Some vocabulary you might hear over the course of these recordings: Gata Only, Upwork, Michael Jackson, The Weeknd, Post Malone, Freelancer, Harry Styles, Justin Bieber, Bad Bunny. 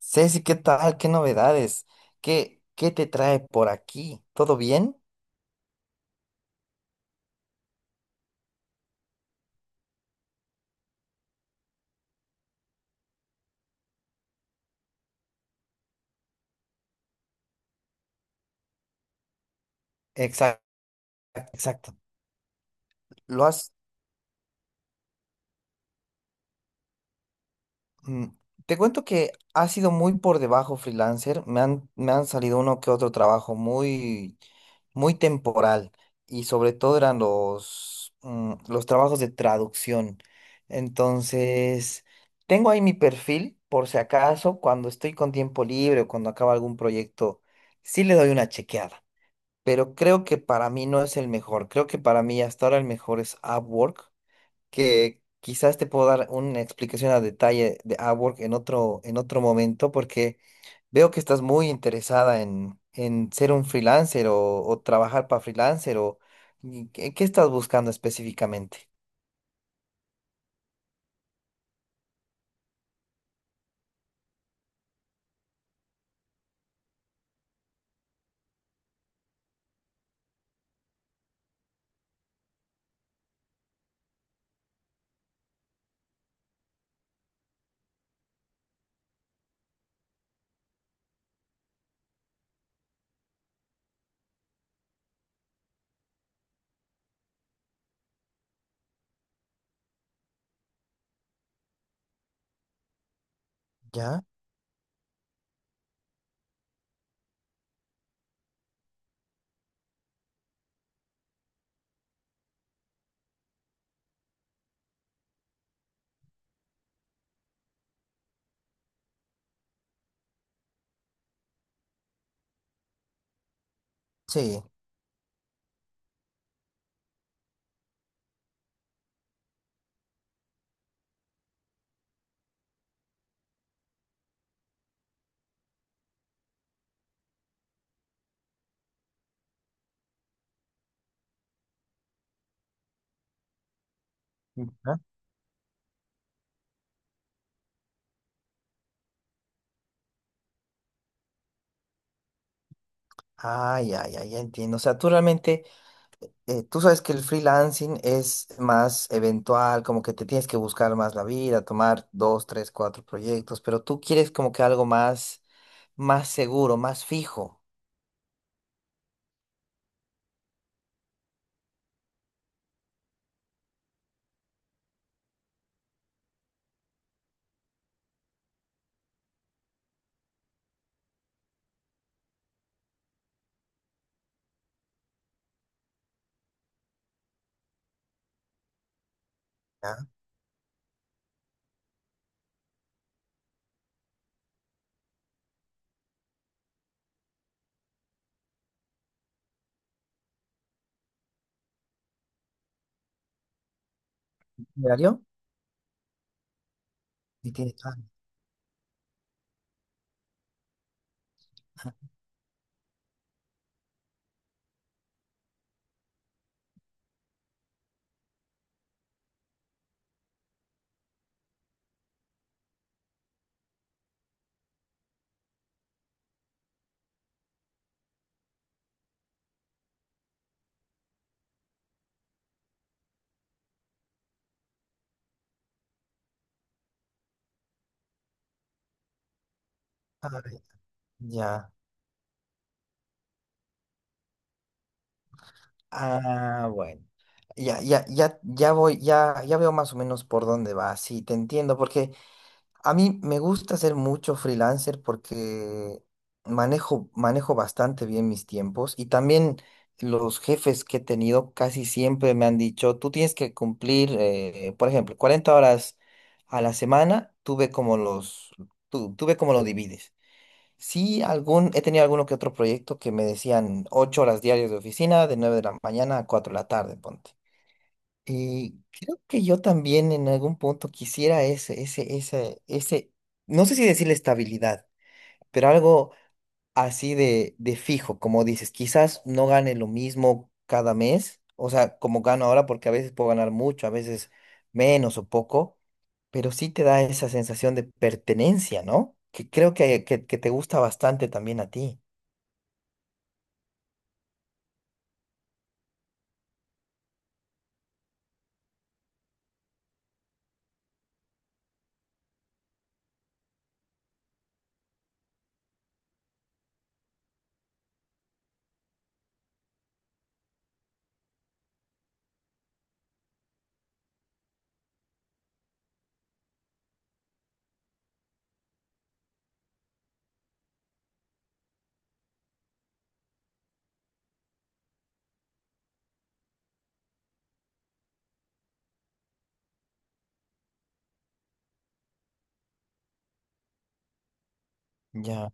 Ceci, ¿qué tal? ¿Qué novedades? ¿Qué te trae por aquí? ¿Todo bien? Exacto, exacto. Lo has. mm, Te cuento que ha sido muy por debajo freelancer. Me han salido uno que otro trabajo muy, muy temporal. Y sobre todo eran los trabajos de traducción. Entonces, tengo ahí mi perfil, por si acaso, cuando estoy con tiempo libre o cuando acaba algún proyecto, sí le doy una chequeada. Pero creo que para mí no es el mejor. Creo que para mí hasta ahora el mejor es Upwork, que quizás te puedo dar una explicación a detalle de Upwork en otro momento, porque veo que estás muy interesada en ser un freelancer o trabajar para freelancer o y ¿qué estás buscando específicamente? ¿Ya? Sí. Ujú. Ah, ya, ya, ya entiendo. O sea, tú sabes que el freelancing es más eventual, como que te tienes que buscar más la vida, tomar dos, tres, cuatro proyectos, pero tú quieres como que algo más, más seguro, más fijo. ¿Ya? ¿Diario? Y tienes- ah, ah, ah, eh, ya. Ah, bueno. Ya, ya, ya, ya voy, ya, ya veo más o menos por dónde va. Sí, te entiendo, porque a mí me gusta ser mucho freelancer porque manejo bastante bien mis tiempos y también los jefes que he tenido casi siempre me han dicho, tú tienes que cumplir, por ejemplo, 40 horas a la semana, tú ve cómo lo divides. Sí, he tenido alguno que otro proyecto que me decían 8 horas diarias de oficina, de 9 de la mañana a 4 de la tarde, ponte. Y creo que yo también en algún punto quisiera no sé si decirle estabilidad, pero algo así de fijo, como dices, quizás no gane lo mismo cada mes, o sea, como gano ahora, porque a veces puedo ganar mucho, a veces menos o poco, pero sí te da esa sensación de pertenencia, ¿no? Que creo que te gusta bastante también a ti. Ya,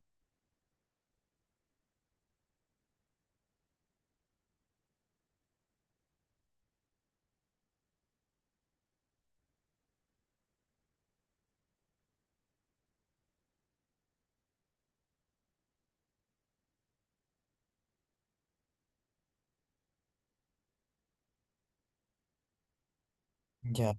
ya.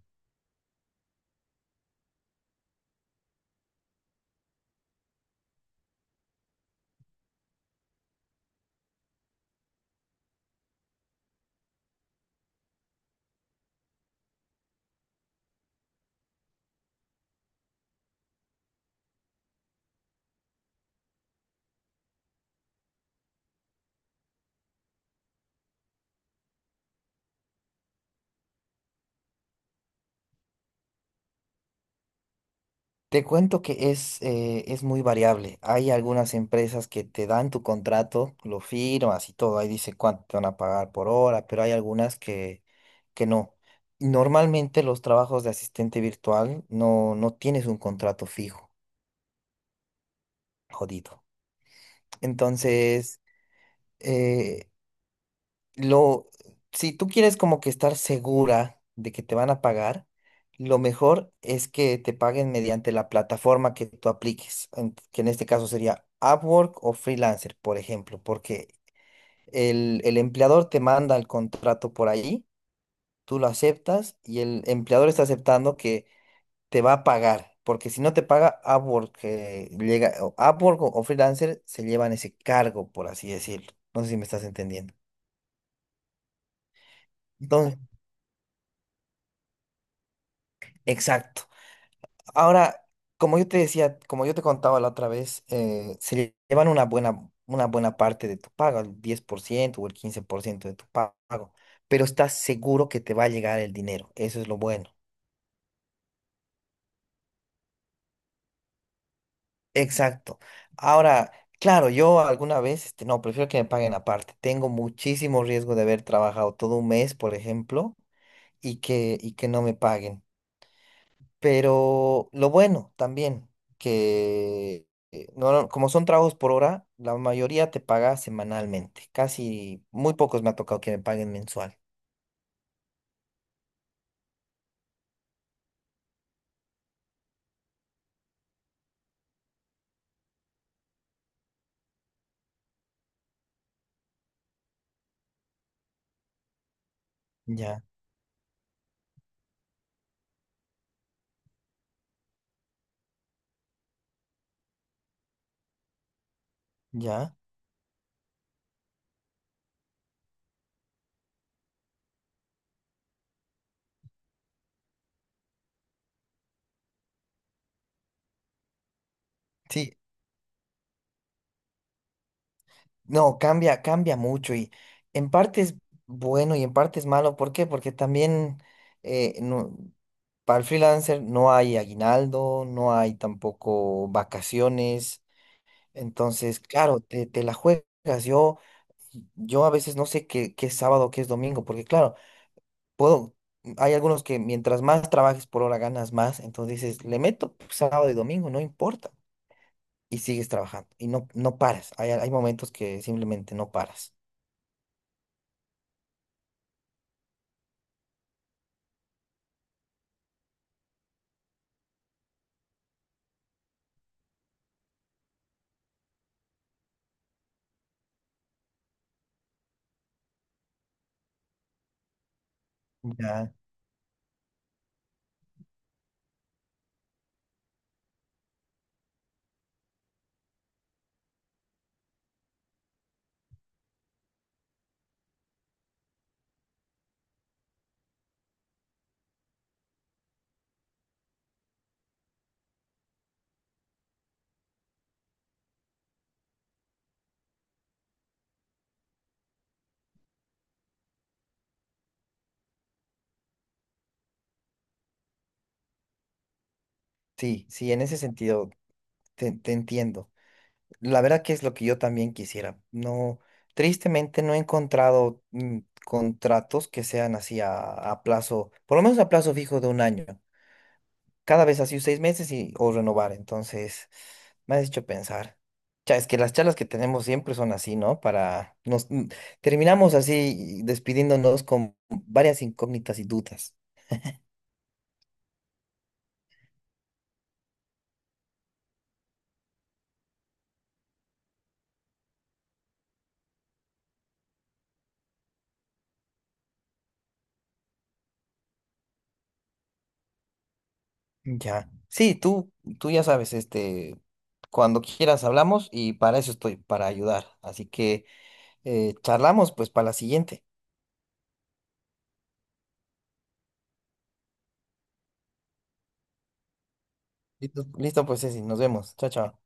Te cuento que es muy variable. Hay algunas empresas que te dan tu contrato, lo firmas y todo, ahí dice cuánto te van a pagar por hora, pero hay algunas que no. Normalmente los trabajos de asistente virtual no, no tienes un contrato fijo, jodido. Entonces, eh, lo, si tú quieres como que estar segura de que te van a pagar, lo mejor es que te paguen mediante la plataforma que tú apliques, que en este caso sería Upwork o Freelancer, por ejemplo, porque el empleador te manda el contrato por ahí, tú lo aceptas y el empleador está aceptando que te va a pagar. Porque si no te paga Upwork, o Upwork o Freelancer se llevan ese cargo, por así decirlo. No sé si me estás entendiendo. Entonces, exacto. Ahora, como yo te decía, como yo te contaba la otra vez, se llevan una buena parte de tu pago, el 10% o el 15% de tu pago, pero estás seguro que te va a llegar el dinero, eso es lo bueno. Exacto. Ahora, claro, yo alguna vez, no, prefiero que me paguen aparte. Tengo muchísimo riesgo de haber trabajado todo un mes, por ejemplo, y que no me paguen. Pero lo bueno también, que no, no, como son trabajos por hora, la mayoría te paga semanalmente. Casi muy pocos me ha tocado que me paguen mensual. Ya, ya. Sí, no, cambia, cambia mucho y en parte es bueno y en parte es malo. ¿Por qué? Porque también eh, no- para el freelancer no hay aguinaldo, no hay tampoco vacaciones. Entonces, claro, te la juegas. Yo, yo a veces no sé qué es sábado, qué es domingo, porque claro, puedo, hay algunos que mientras más trabajes por hora ganas más, entonces dices, le meto sábado y domingo, no importa, y sigues trabajando, y no, no paras. Hay momentos que simplemente no paras. Ya. Sí, sí, en ese sentido te entiendo. La verdad que es lo que yo también quisiera. No, tristemente no he encontrado contratos que sean así a plazo, por lo menos a plazo fijo de un año. Cada vez así 6 meses y o renovar. Entonces, me has hecho pensar. Cha, es que las charlas que tenemos siempre son así, ¿no? Terminamos así despidiéndonos con varias incógnitas y dudas. Ya. Sí, tú ya sabes, cuando quieras hablamos y para eso estoy, para ayudar. Así que charlamos pues para la siguiente. Listo. Listo, pues Ceci, nos vemos. Chao, chao.